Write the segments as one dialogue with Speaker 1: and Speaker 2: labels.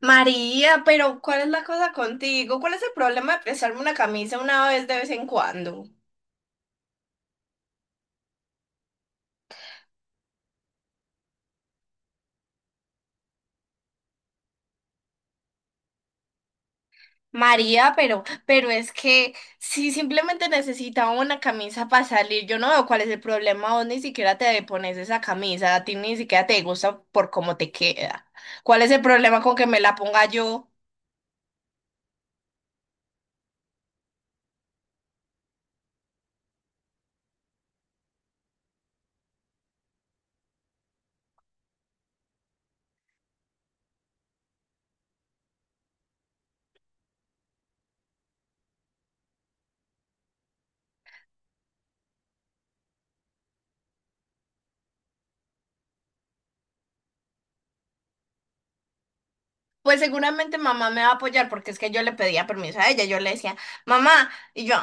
Speaker 1: María, pero ¿cuál es la cosa contigo? ¿Cuál es el problema de prestarme una camisa una vez de vez en cuando? María, pero es que si simplemente necesitaba una camisa para salir, yo no veo cuál es el problema. Vos ni siquiera te pones esa camisa, a ti ni siquiera te gusta por cómo te queda. ¿Cuál es el problema con que me la ponga yo? Pues seguramente mamá me va a apoyar porque es que yo le pedía permiso a ella, yo le decía, mamá, y yo.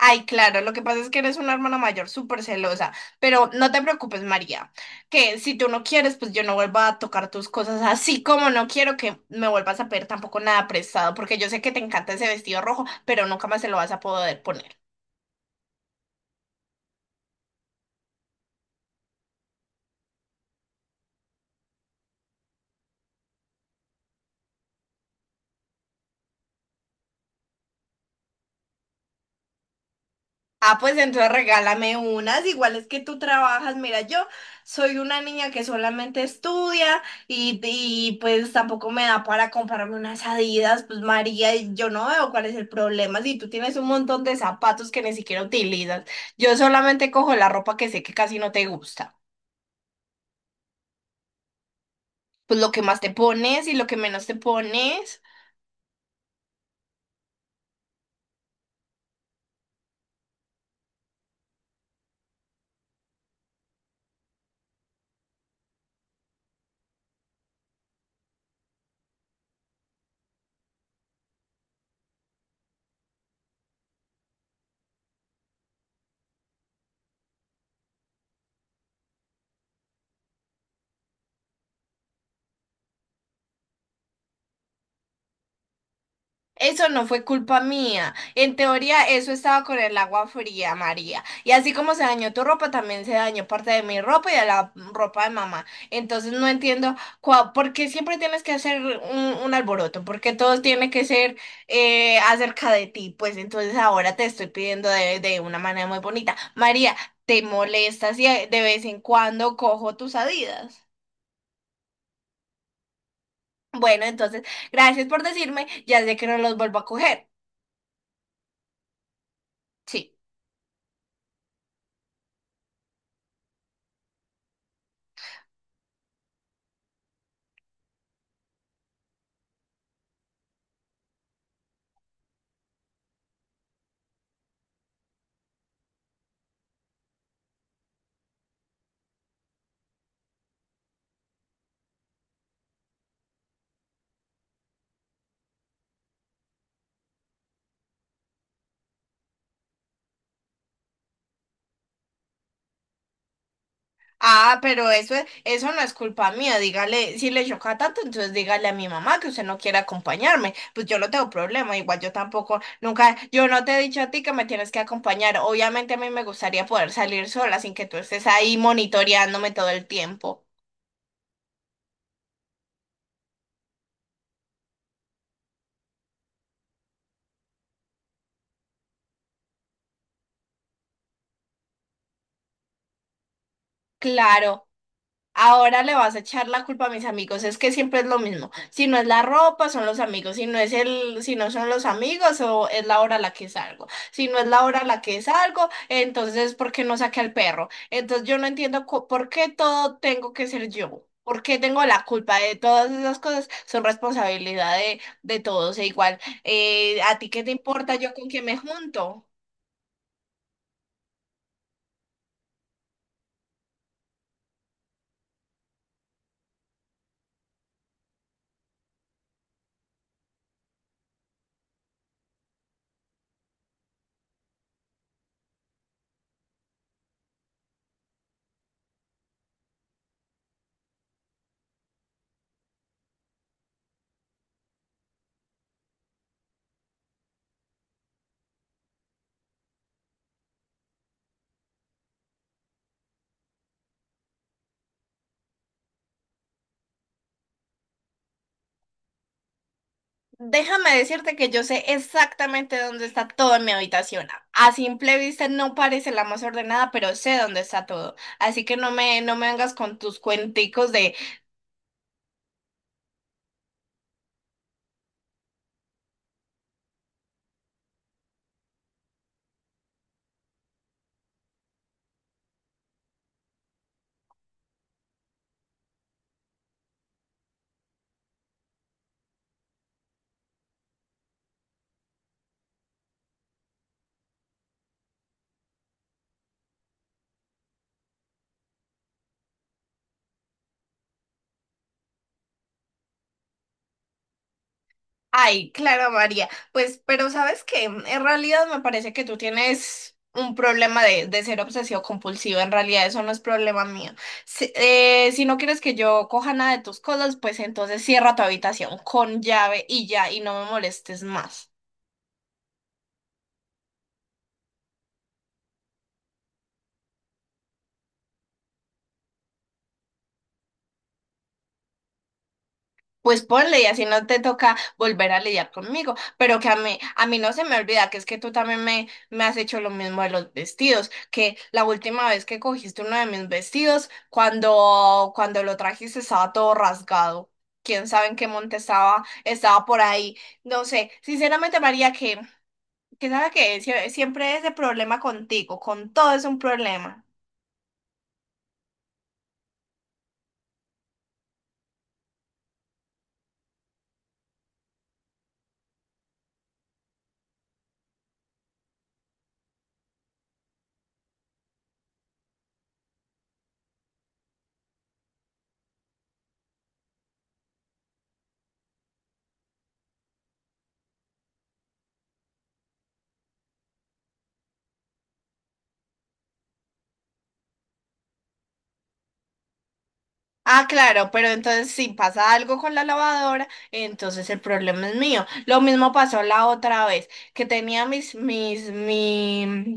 Speaker 1: Ay, claro, lo que pasa es que eres una hermana mayor súper celosa, pero no te preocupes, María, que si tú no quieres, pues yo no vuelvo a tocar tus cosas, así como no quiero que me vuelvas a pedir tampoco nada prestado, porque yo sé que te encanta ese vestido rojo, pero nunca más se lo vas a poder poner. Ah, pues entonces regálame unas, igual es que tú trabajas. Mira, yo soy una niña que solamente estudia pues tampoco me da para comprarme unas Adidas. Pues María, y yo no veo cuál es el problema. Si tú tienes un montón de zapatos que ni siquiera utilizas, yo solamente cojo la ropa que sé que casi no te gusta. Pues lo que más te pones y lo que menos te pones. Eso no fue culpa mía. En teoría, eso estaba con el agua fría, María. Y así como se dañó tu ropa, también se dañó parte de mi ropa y de la ropa de mamá. Entonces no entiendo por qué siempre tienes que hacer un alboroto, porque todo tiene que ser acerca de ti. Pues entonces ahora te estoy pidiendo de una manera muy bonita. María, ¿te molestas si de vez en cuando cojo tus Adidas? Bueno, entonces, gracias por decirme. Ya sé que no los vuelvo a coger. Sí. Ah, pero eso, eso no es culpa mía. Dígale, si le choca tanto, entonces dígale a mi mamá que usted no quiere acompañarme. Pues yo no tengo problema, igual yo tampoco, nunca, yo no te he dicho a ti que me tienes que acompañar. Obviamente a mí me gustaría poder salir sola sin que tú estés ahí monitoreándome todo el tiempo. Claro. Ahora le vas a echar la culpa a mis amigos, es que siempre es lo mismo. Si no es la ropa, son los amigos. Si no es si no son los amigos, o es la hora a la que salgo. Si no es la hora a la que salgo, entonces ¿por qué no saqué al perro? Entonces yo no entiendo por qué todo tengo que ser yo. ¿Por qué tengo la culpa de todas esas cosas? Son responsabilidad de todos. E igual, ¿a ti qué te importa yo con quién me junto? Déjame decirte que yo sé exactamente dónde está todo en mi habitación. A simple vista no parece la más ordenada, pero sé dónde está todo. Así que no me vengas con tus cuenticos de, ay, Clara María. Pues, pero ¿sabes qué? En realidad me parece que tú tienes un problema de ser obsesivo compulsivo. En realidad eso no es problema mío. Si, si no quieres que yo coja nada de tus cosas, pues entonces cierra tu habitación con llave y ya, y no me molestes más. Pues ponle y así no te toca volver a lidiar conmigo, pero que a mí no se me olvida que es que tú también me has hecho lo mismo de los vestidos, que la última vez que cogiste uno de mis vestidos, cuando lo trajiste estaba todo rasgado, quién sabe en qué monte estaba, estaba por ahí, no sé, sinceramente María, que sabe que siempre es de problema contigo, con todo es un problema. Ah, claro, pero entonces si pasa algo con la lavadora, entonces el problema es mío. Lo mismo pasó la otra vez, que tenía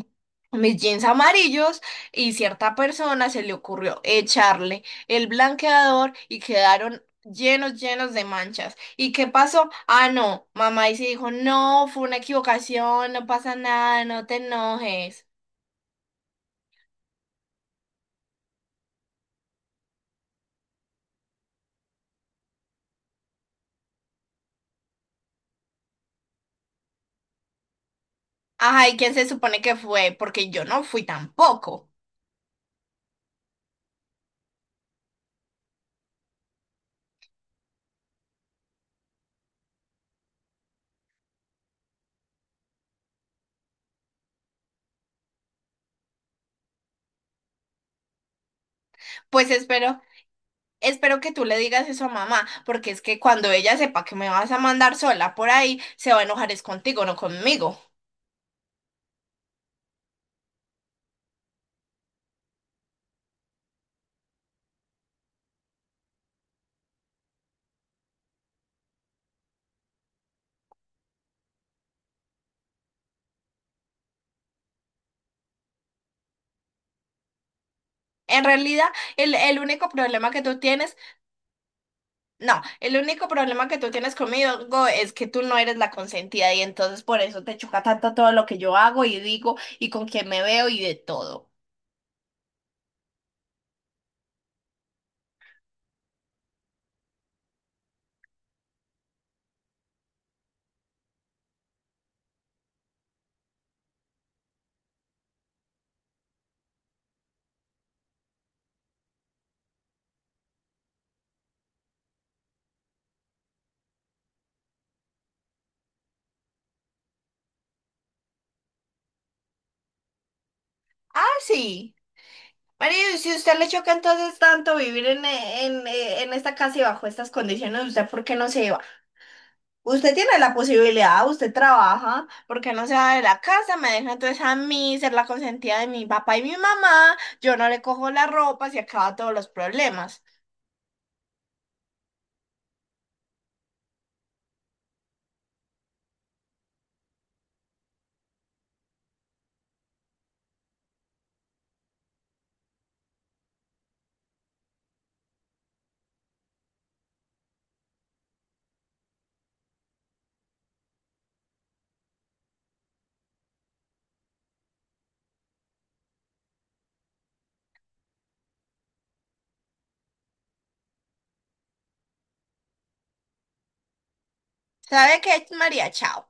Speaker 1: mis jeans amarillos y cierta persona se le ocurrió echarle el blanqueador y quedaron llenos, llenos de manchas. ¿Y qué pasó? Ah, no, mamá y se dijo, no, fue una equivocación, no pasa nada, no te enojes. Ajá, ¿y quién se supone que fue? Porque yo no fui tampoco. Pues espero. Espero que tú le digas eso a mamá, porque es que cuando ella sepa que me vas a mandar sola por ahí, se va a enojar es contigo, no conmigo. En realidad, el único problema que tú tienes, no, el único problema que tú tienes conmigo es que tú no eres la consentida y entonces por eso te choca tanto todo lo que yo hago y digo y con quién me veo y de todo. Ah, sí. María, y si a usted le choca entonces tanto vivir en esta casa y bajo estas condiciones, ¿usted por qué no se va? Usted tiene la posibilidad, usted trabaja, porque no se va de la casa, me deja entonces a mí ser la consentida de mi papá y mi mamá, yo no le cojo la ropa, se acaba todos los problemas. ¿Sabe qué, María? Chao.